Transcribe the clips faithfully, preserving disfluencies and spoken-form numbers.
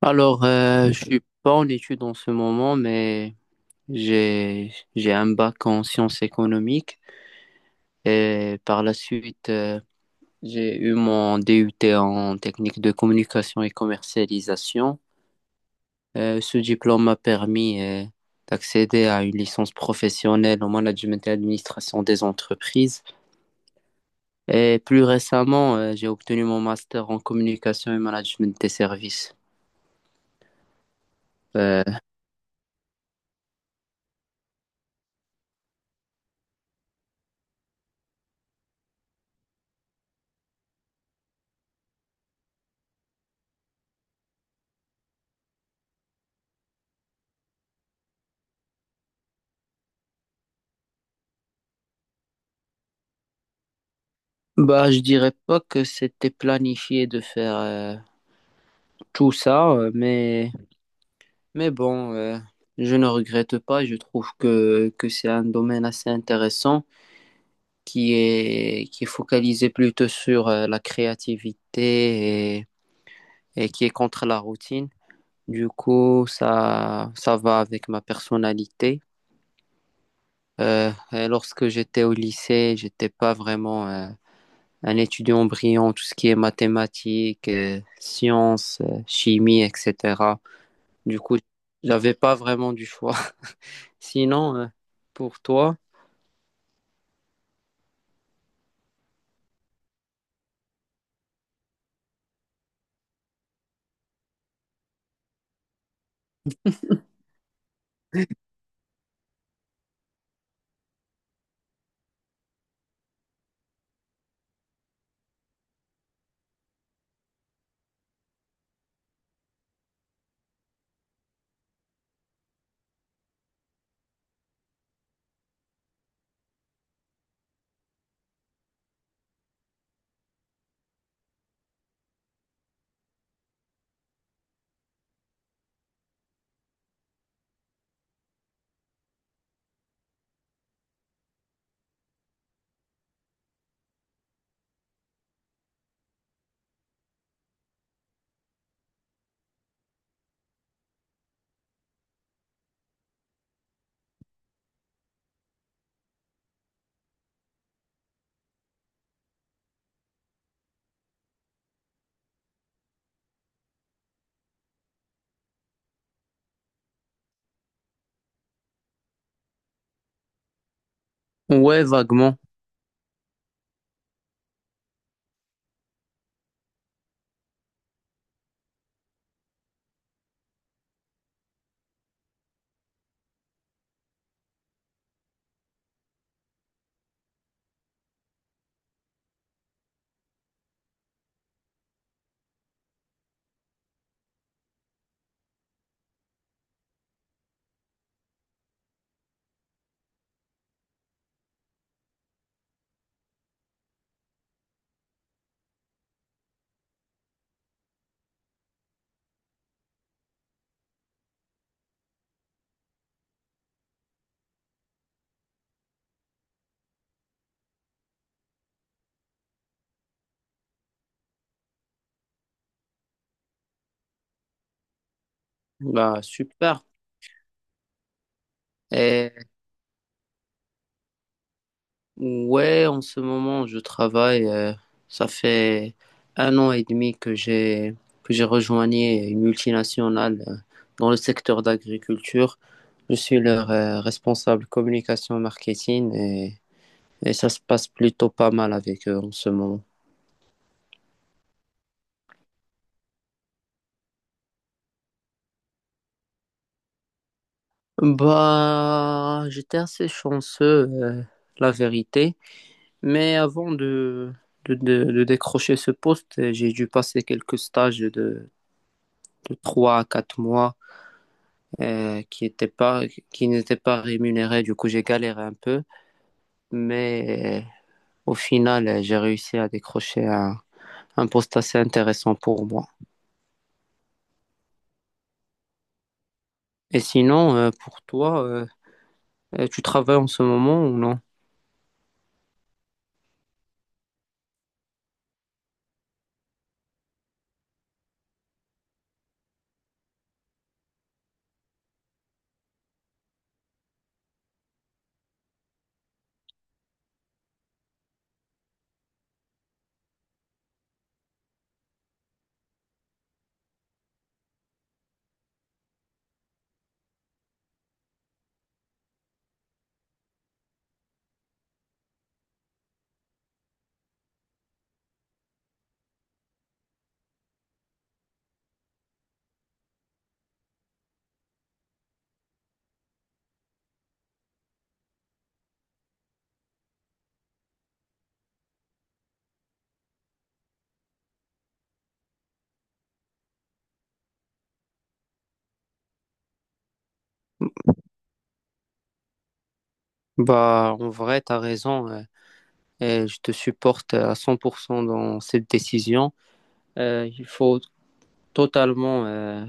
Alors, euh, je suis pas en études en ce moment, mais j'ai j'ai un bac en sciences économiques et par la suite euh, j'ai eu mon D U T en technique de communication et commercialisation. Euh, ce diplôme m'a permis euh, d'accéder à une licence professionnelle en management et administration des entreprises. Et plus récemment, euh, j'ai obtenu mon master en communication et management des services. Euh, Bah, je dirais pas que c'était planifié de faire euh, tout ça, euh, mais, mais bon, euh, je ne regrette pas. Je trouve que, que c'est un domaine assez intéressant qui est, qui est focalisé plutôt sur euh, la créativité et, et qui est contre la routine. Du coup, ça, ça va avec ma personnalité. Euh, et lorsque j'étais au lycée, j'étais pas vraiment euh, un étudiant brillant, tout ce qui est mathématiques, euh, sciences, euh, chimie, et cetera. Du coup, j'avais pas vraiment du choix. Sinon, euh, pour toi, ouais, vaguement, bah super. Et ouais, en ce moment, je travaille. Euh, ça fait un an et demi que j'ai que j'ai rejoint une multinationale euh, dans le secteur d'agriculture. Je suis leur euh, responsable communication marketing et Et ça se passe plutôt pas mal avec eux en ce moment. Bah, j'étais assez chanceux, euh, la vérité. Mais avant de, de, de- de décrocher ce poste, euh, j'ai dû passer quelques stages de, de trois à quatre mois euh, qui étaient pas, qui n'étaient pas rémunérés. Du coup, j'ai galéré un peu. Mais euh, au final, euh, j'ai réussi à décrocher un, un poste assez intéressant pour moi. Et sinon, euh, pour toi, euh, euh, tu travailles en ce moment ou non? Bah, en vrai, t'as raison. Euh, et je te supporte à cent pour cent dans cette décision. Euh, il faut totalement euh,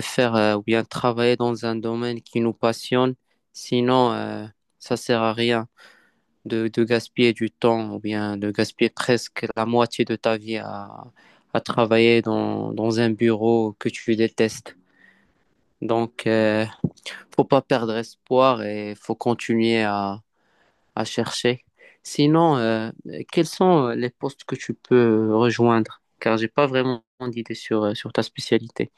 faire euh, ou bien travailler dans un domaine qui nous passionne. Sinon, euh, ça sert à rien de, de gaspiller du temps ou bien de gaspiller presque la moitié de ta vie à, à travailler dans, dans un bureau que tu détestes. Donc, euh, faut pas perdre espoir et faut continuer à à chercher. Sinon, euh, quels sont euh, les postes que tu peux rejoindre? Car j'ai pas vraiment d'idée sur, euh, sur ta spécialité.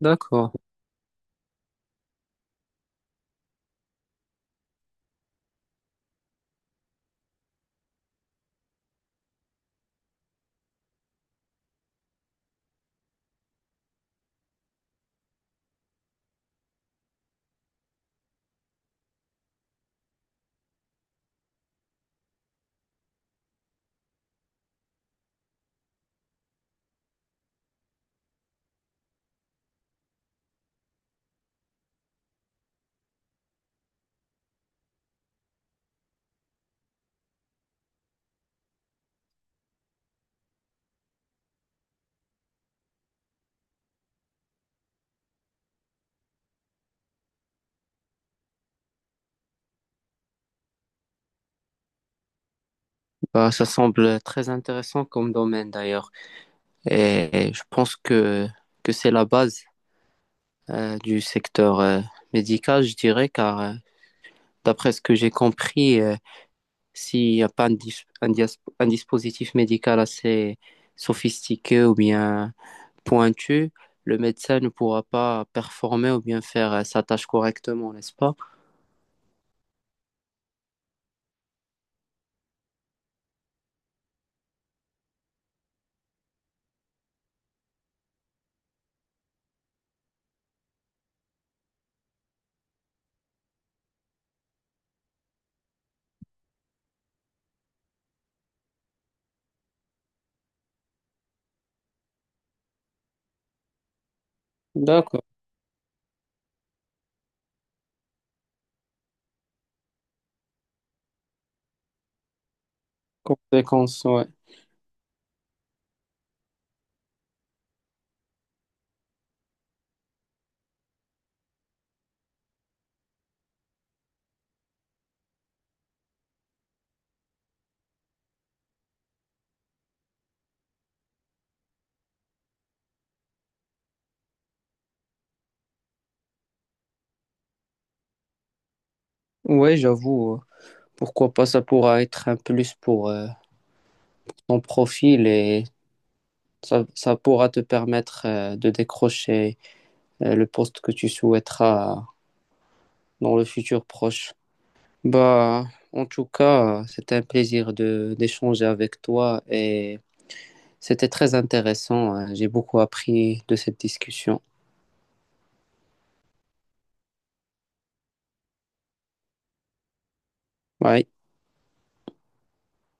D'accord. Bah, ça semble très intéressant comme domaine d'ailleurs. Et je pense que, que c'est la base euh, du secteur euh, médical, je dirais, car euh, d'après ce que j'ai compris, euh, s'il n'y a pas un, dis- un, dias- un dispositif médical assez sophistiqué ou bien pointu, le médecin ne pourra pas performer ou bien faire euh, sa tâche correctement, n'est-ce pas? D'accord. Conséquence, ouais. Ouais, j'avoue. euh, Pourquoi pas, ça pourra être un plus pour euh, ton profil et ça, ça pourra te permettre euh, de décrocher euh, le poste que tu souhaiteras dans le futur proche. Bah, en tout cas, euh, c'était un plaisir de d'échanger avec toi et c'était très intéressant. euh, J'ai beaucoup appris de cette discussion. Bye.